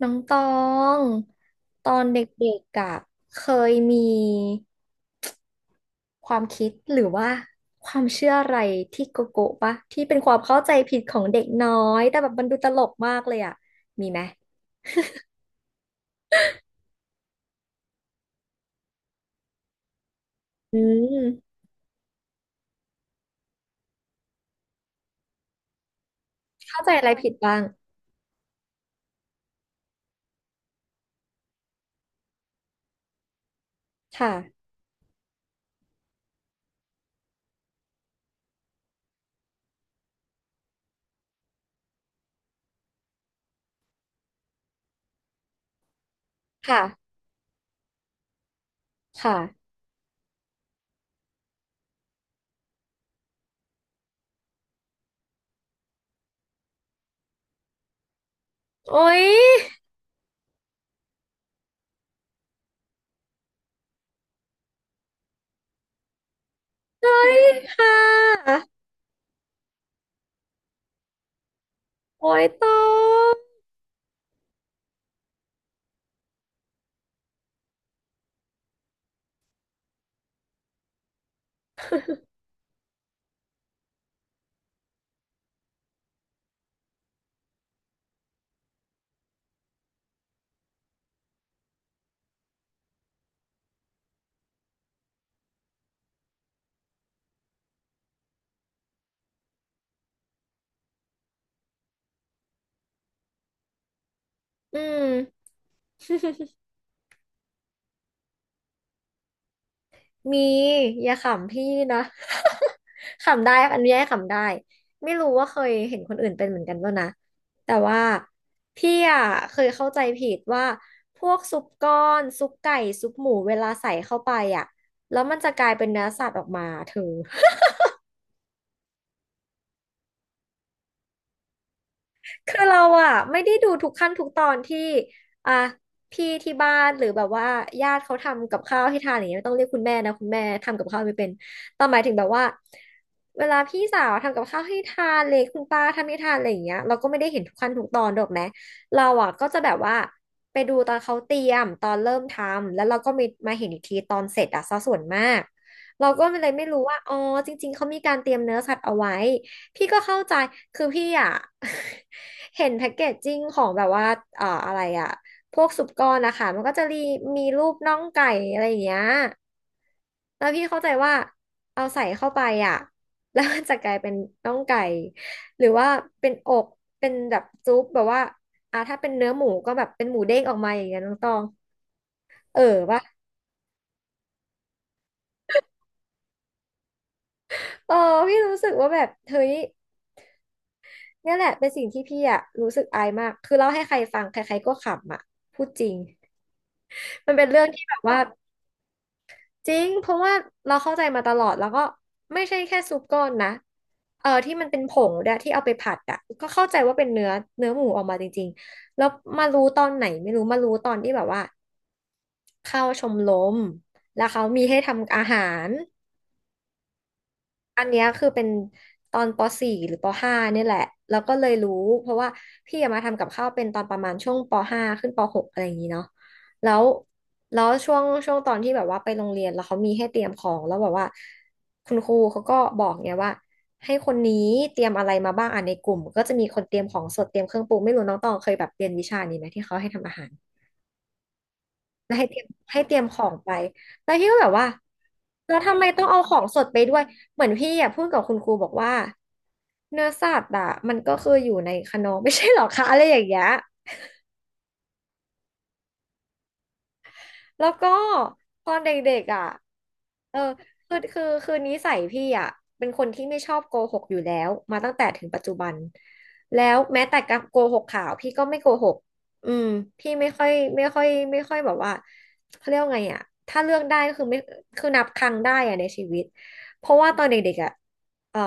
น้องตองตอนเด็กๆอะเคยมีความคิดหรือว่าความเชื่ออะไรที่โกโก้ปะที่เป็นความเข้าใจผิดของเด็กน้อยแต่แบบมันดูตลกมากเลยอะมีไหมอืมเข้าใจอะไรผิดบ้างค่ะค่ะค่ะโอ๊ยโอ๊ยค่ะโอ๊ยตองอืม มีอย่าขำพี่นะ ขำได้ อันนี้ให้ขำได้ไม่รู้ว่าเคยเห็นคนอื่นเป็นเหมือนกันป่ะนะแต่ว่าพี่อ่ะเคยเข้าใจผิดว่าพวกซุปก้อนซุปไก่ซุปหมูเวลาใส่เข้าไปอ่ะแล้วมันจะกลายเป็นเนื้อสัตว์ออกมาเธอ คือเราอะไม่ได้ดูทุกขั้นทุกตอนที่อ่ะพี่ที่บ้านหรือแบบว่าญาติเขาทำกับข้าวให้ทานอย่างเงี้ยไม่ต้องเรียกคุณแม่นะคุณแม่ทำกับข้าวไม่เป็นแต่หมายถึงแบบว่าเวลาพี่สาวทำกับข้าวให้ทานเลยคุณป้าทำให้ทานอะไรอย่างเงี้ยเราก็ไม่ได้เห็นทุกขั้นทุกตอนหรอกนะเราอะก็จะแบบว่าไปดูตอนเขาเตรียมตอนเริ่มทำแล้วเราก็มีมาเห็นอีกทีตอนเสร็จอะซะส่วนมากเราก็เลยไม่รู้ว่าอ๋อจริงๆเขามีการเตรียมเนื้อสัตว์เอาไว้ พี่ก็เข้าใจ คือพี่อ่ะ เห็นแพ็กเกจจิ้งของแบบว่าอะไรอ่ะพวกสุปกรณ์นะคะมันก็จะมีมีรูปน่องไก่อะไรอย่างเงี้ยแล้วพี่เข้าใจว่าเอาใส่เข้าไปอ่ะ แล้วมันจะกลายเป็นน่องไก่หรือว่าเป็นอกเป็นแบบซุปแบบว่าอ่ะถ้าเป็นเนื้อหมูก็แบบเป็นหมูเด้งออกมาอย่างเงี้ยน้องตองเออปะเออพี่รู้สึกว่าแบบเฮ้ยเนี่ยแหละเป็นสิ่งที่พี่อ่ะรู้สึกอายมากคือเล่าให้ใครฟังใครๆก็ขำอ่ะพูดจริง มันเป็นเรื่องที่แบบว่าจริงเพราะว่าเราเข้าใจมาตลอดแล้วก็ไม่ใช่แค่ซุปก้อนนะเออที่มันเป็นผงด้วยที่เอาไปผัดอ่ะก็เข้าใจว่าเป็นเนื้อเนื้อหมูออกมาจริงๆแล้วมารู้ตอนไหนไม่รู้มารู้ตอนที่แบบว่าเข้าชมรมแล้วเขามีให้ทำอาหาร อันเนี้ยคือเป็นตอนป .4 หรือป .5 เนี่ยแหละแล้วก็เลยรู้เพราะว่าพี่อะมาทำกับข้าวเป็นตอนประมาณช่วงป .5 ขึ้นป .6 อะไรอย่างนี้เนาะแล้วช่วงตอนที่แบบว่าไปโรงเรียนแล้วเขามีให้เตรียมของแล้วแบบว่าคุณครูเขาก็บอกเนี่ยว่าให้คนนี้เตรียมอะไรมาบ้างอ่ะในกลุ่มก็จะมีคนเตรียมของสดเตรียมเครื่องปรุงไม่รู้น้องตองเคยแบบเรียนวิชานี้ไหมที่เขาให้ทำอาหาร แล้วให้เตรียมให้เตรียมของไปแล้วพี่ก็แบบว่าแล้วทำไมต้องเอาของสดไปด้วยเหมือนพี่อ่ะพูดกับคุณครูบอกว่าเนื้อสัตว์อ่ะมันก็คืออยู่ในคานอ ไม่ใช่หรอคะอะไรอย่างเงี้ย แล้วก็ตอนเด็กๆอ่ะเออคือนิสัยพี่อ่ะเป็นคนที่ไม่ชอบโกหกอยู่แล้วมาตั้งแต่ถึงปัจจุบันแล้วแม้แต่การโกหกข่าวพี่ก็ไม่โกหกอืมพี่ไม่ค่อยแบบว่าเขาเรียกว่าไงอ่ะถ้าเลือกได้ก็คือไม่คือนับครั้งได้อ่ะในชีวิตเพราะว่าตอนเด็กๆอ่ะเออ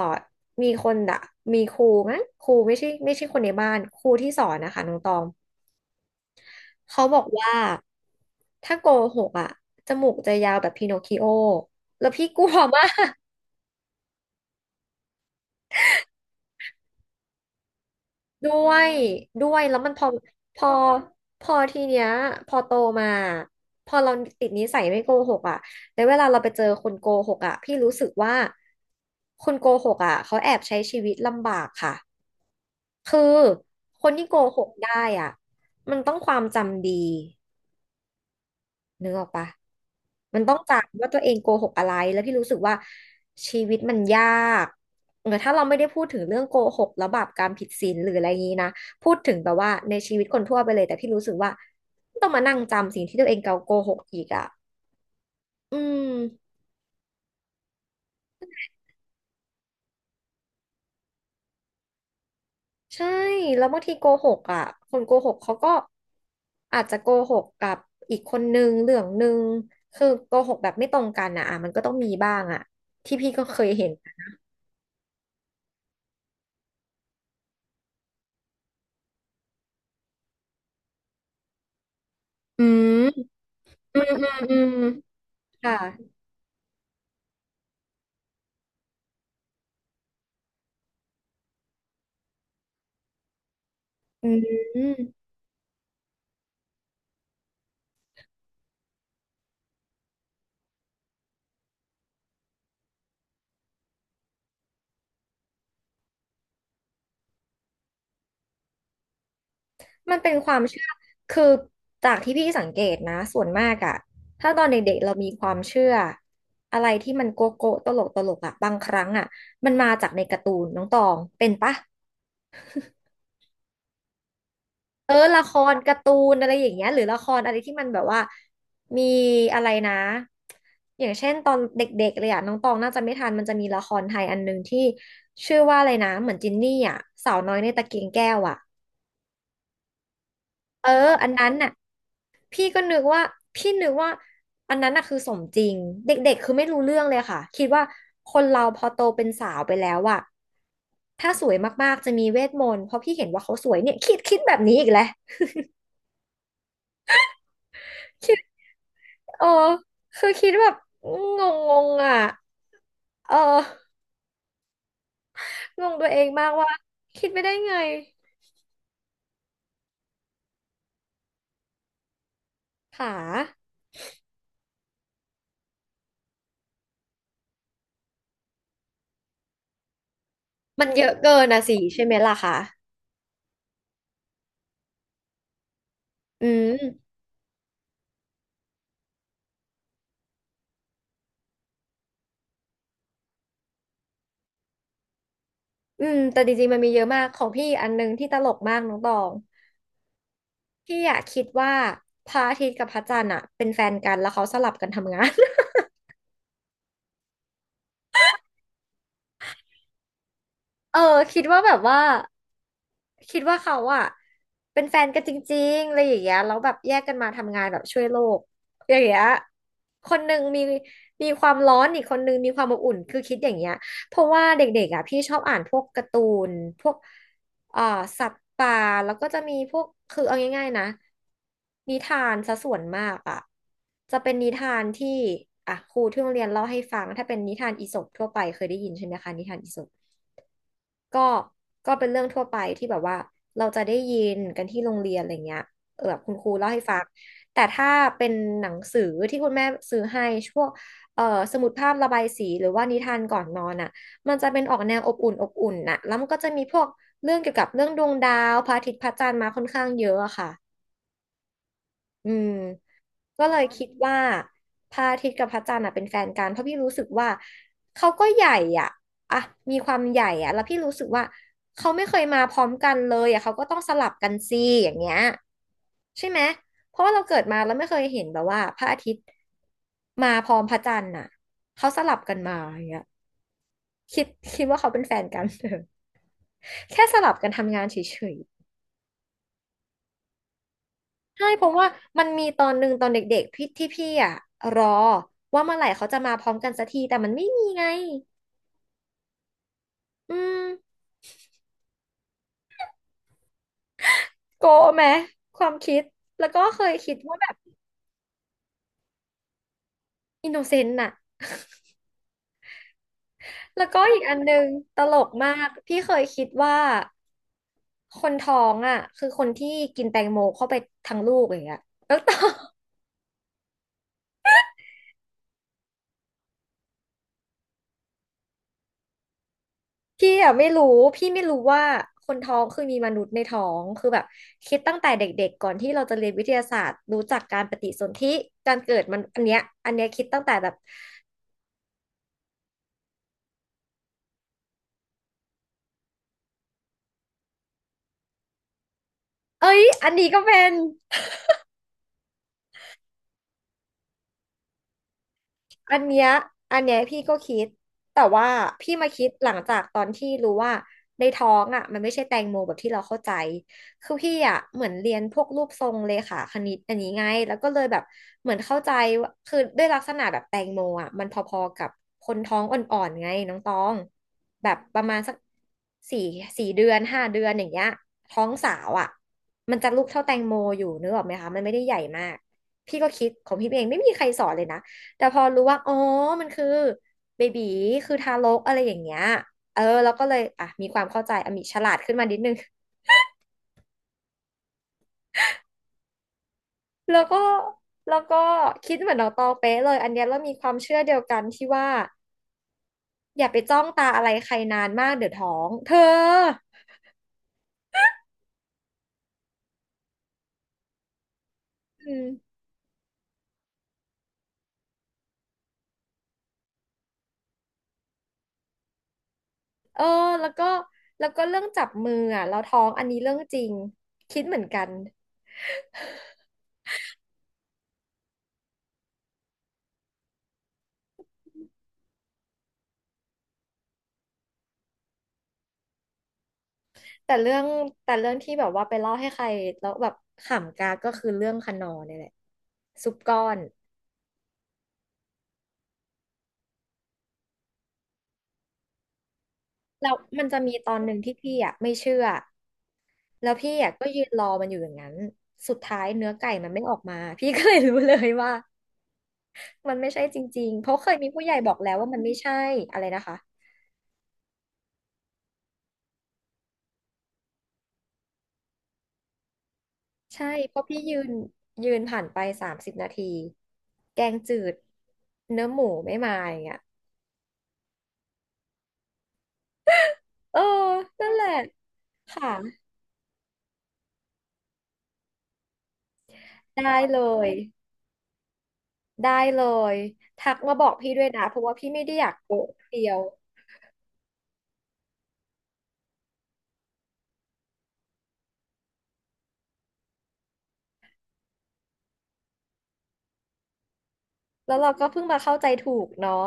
มีคนอ่ะมีครูมั้งครูไม่ใช่คนในบ้านครูที่สอนนะคะน้องตอง เขาบอกว่าถ้าโกหกอ่ะจมูกจะยาวแบบพินอคคิโอแล้วพี่กลัวมากด้วยด้วยแล้วมันพอพอทีเนี้ยพอโตมาพอเราติดนิสัยไม่โกหกอ่ะแล้วเวลาเราไปเจอคนโกหกอ่ะพี่รู้สึกว่าคนโกหกอ่ะเขาแอบใช้ชีวิตลำบากค่ะคือคนที่โกหกได้อ่ะมันต้องความจำดี นึกออกปะมันต้องจำว่าตัวเองโกหกอะไรแล้วพี่รู้สึกว่าชีวิตมันยากเออถ้าเราไม่ได้พูดถึงเรื่องโกหกแล้วบาปกรรมผิดศีลหรืออะไรอย่างนี้นะพูดถึงแบบว่าในชีวิตคนทั่วไปเลยแต่พี่รู้สึกว่าต้องมานั่งจำสิ่งที่ตัวเองเกาโกหกอีกอ่ะอืมใช่แล้วบางทีโกหกอ่ะคนโกหกเขาก็อาจจะโกหกกับอีกคนนึงเรื่องนึงคือโกหกแบบไม่ตรงกันอ่ะอ่ะมันก็ต้องมีบ้างอ่ะที่พี่ก็เคยเห็นอืม อืมอืมอืมค่ะอืมมันเป็นความเชื่อคือจากที่พี่สังเกตนะส่วนมากอะถ้าตอนเด็กๆเรามีความเชื่ออะไรที่มันโกโก้ตลกตลกอะบางครั้งอะมันมาจากในการ์ตูนน้องตองเป็นปะเออละครการ์ตูนอะไรอย่างเงี้ยหรือละครอะไรที่มันแบบว่ามีอะไรนะอย่างเช่นตอนเด็กๆเลยอะน้องตองน่าจะไม่ทันมันจะมีละครไทยอันหนึ่งที่ชื่อว่าอะไรนะเหมือนจินนี่อะสาวน้อยในตะเกียงแก้วอะ เออ อันนั้นน่ะพี่ก็นึกว่าพี่นึกว่าอันนั้นน่ะคือสมจริงเด็กๆคือไม่รู้เรื่องเลยค่ะคิดว่าคนเราพอโตเป็นสาวไปแล้วอะถ้าสวยมากๆจะมีเวทมนต์เพราะพี่เห็นว่าเขาสวยเนี่ยคิดแบบนี้อีกแล้วเออคือคิดแบบงงๆอ่ะเอองงตัวเองมากว่าคิดไปได้ไงค่ะมันเยอะเกินนะสิใช่ไหมล่ะคะอืมอืมแต่จริงๆมันมีเยอะมากของพี่อันนึงที่ตลกมากน้องตอง พี่อะคิดว่าพระอาทิตย์กับพระจันทร์อะเป็นแฟนกันแล้วเขาสลับกันทำงาน เออคิดว่าแบบว่า คิดว่าเขาอะเป็นแฟนกันจริงๆอะไรอย่างเงี้ยแล้วแบบแยกกันมาทำงานแบบช่วยโลกอย่างเงี้ยคนหนึ่งมีความร้อนอีกคนหนึ่งมีความอบอุ่นคือคิดอย่างเงี้ยเพราะว่าเด็กๆอะพี่ชอบอ่านพวกการ์ตูนพวกเอ่อสัตว์ป่าแล้วก็จะมีพวกคือเอาง่ายๆนะนิทานซะส่วนมากอะจะเป็นนิทานที่อ่ะครูที่โรงเรียนเล่าให้ฟังถ้าเป็นนิทานอีสปทั่วไปเคยได้ยินใช่ไหมคะนิทานอีสป ก็ก็เป็นเรื่องทั่วไปที่แบบว่าเราจะได้ยินกันที่โรงเรียนอะไรเงี้ยเออแบบคุณครูเล่าให้ฟังแต่ถ้าเป็นหนังสือที่คุณแม่ซื้อให้พวกเอ่อสมุดภาพระบายสีหรือว่านิทานก่อนนอนอ่ะมันจะเป็นออกแนวอบอุ่นอบอุ่นน่ะแล้วมันก็จะมีพวกเรื่องเกี่ยวกับเรื่องดวงดาวพระอาทิตย์พระจันทร์มาค่อนข้างเยอะอะค่ะ อืมก็เลยคิดว่าพระอาทิตย์กับพระจันทร์อ่ะเป็นแฟนกันเพราะพี่รู้สึกว่าเขาก็ใหญ่อ่ะอ่ะมีความใหญ่อ่ะแล้วพี่รู้สึกว่าเขาไม่เคยมาพร้อมกันเลยอ่ะเขาก็ต้องสลับกันสิอย่างเงี้ยใช่ไหมเพราะว่าเราเกิดมาแล้วไม่เคยเห็นแบบว่าพระอาทิตย์มาพร้อมพระจันทร์น่ะเขาสลับกันมาอย่างเงี้ยคิดคิดว่าเขาเป็นแฟนกัน แค่สลับกันทำงานเฉย ใช่เพราะว่ามันมีตอนหนึ่งตอนเด็กๆพี่ที่พี่อ่ะรอว่าเมื่อไหร่เขาจะมาพร้อมกันสักทีแต่มันไม่มีไงอืมโกะไหมความคิดแล้วก็เคยคิดว่าแบบอินโนเซนต์น่ะแล้วก็อีกอันหนึงตลกมากพี่เคยคิดว่าคนท้องอ่ะคือคนที่กินแตงโมเข้าไปทั้งลูกอย่างเงี้ยแล้วตอน พี่อะไม่รู้พี่ไม่รู้ว่าคนท้องคือมีมนุษย์ในท้องคือแบบคิดตั้งแต่เด็กๆก่อนที่เราจะเรียนวิทยาศาสตร์รู้จักการปฏิสนธิการเกิดมันอันเนี้ยอันเนี้ยคิดตั้งแต่แบบเอ้ยอันนี้ก็เป็น อันเนี้ยอันเนี้ยพี่ก็คิดแต่ว่าพี่มาคิดหลังจากตอนที่รู้ว่าในท้องอ่ะมันไม่ใช่แตงโมแบบที่เราเข้าใจคือพี่อ่ะเหมือนเรียนพวกรูปทรงเลขาคณิตอันนี้ไงแล้วก็เลยแบบเหมือนเข้าใจว่าคือด้วยลักษณะแบบแตงโมอ่ะมันพอๆกับคนท้องอ่อนๆไงน้องตองแบบประมาณสักสี่สี่เดือน5 เดือนอย่างเงี้ยท้องสาวอ่ะมันจะลูกเท่าแตงโมอยู่นึกออกไหมคะมันไม่ได้ใหญ่มากพี่ก็คิดของพี่เองไม่มีใครสอนเลยนะ แต่พอรู้ว่าอ๋อมันคือเบบีคือทารกอะไรอย่างเงี้ยเออแล้วก็เลยอ่ะมีความเข้าใจอ่ะมีฉลาดขึ้นมานิดนึง แล้วก็แล้วก็คิดเหมือนน้องตองเป๊ะเลยอันเนี้ยเรามีความเชื่อเดียวกันที่ว่าอย่าไปจ้องตาอะไรใครนานมากเดี๋ยวท้องเธออืมเออแล้วก็แล้วก็เรื่องจับมืออ่ะเราท้องอันนี้เรื่องจริงคิดเหมือนกันแต่เรื่องแต่เรื่องที่แบบว่าไปเล่าให้ใครแล้วแบบขำกากก็คือเรื่องคนนอเนี่ยแหละซุปก้อน แล้วมันจะมีตอนหนึ่งที่พี่อ่ะไม่เชื่อแล้วพี่อ่ะก็ยืนรอมันอยู่อย่างนั้นสุดท้ายเนื้อไก่มันไม่ออกมา พี่ก็เลยรู้เลยว่ามันไม่ใช่จริงๆเพราะเคยมีผู้ใหญ่บอกแล้วว่ามันไม่ใช่อะไรนะคะใช่เพราะพี่ยืนผ่านไป30 นาทีแกงจืดเนื้อหมูไม่มาอย่างเงี้ยเออนั่นแหละค่ะได้เลยได้เลยทักมาบอกพี่ด้วยนะเพราะว่าพี่ไม่ได้อยากโกะเดียว แล้วเราก็เพิ่งมาเข้าใจถูกเนาะ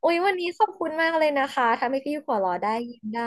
โอ้ยวันนี้ขอบคุณมากเลยนะคะ ทำให้พี่หัวเราะได้ยิ้มได้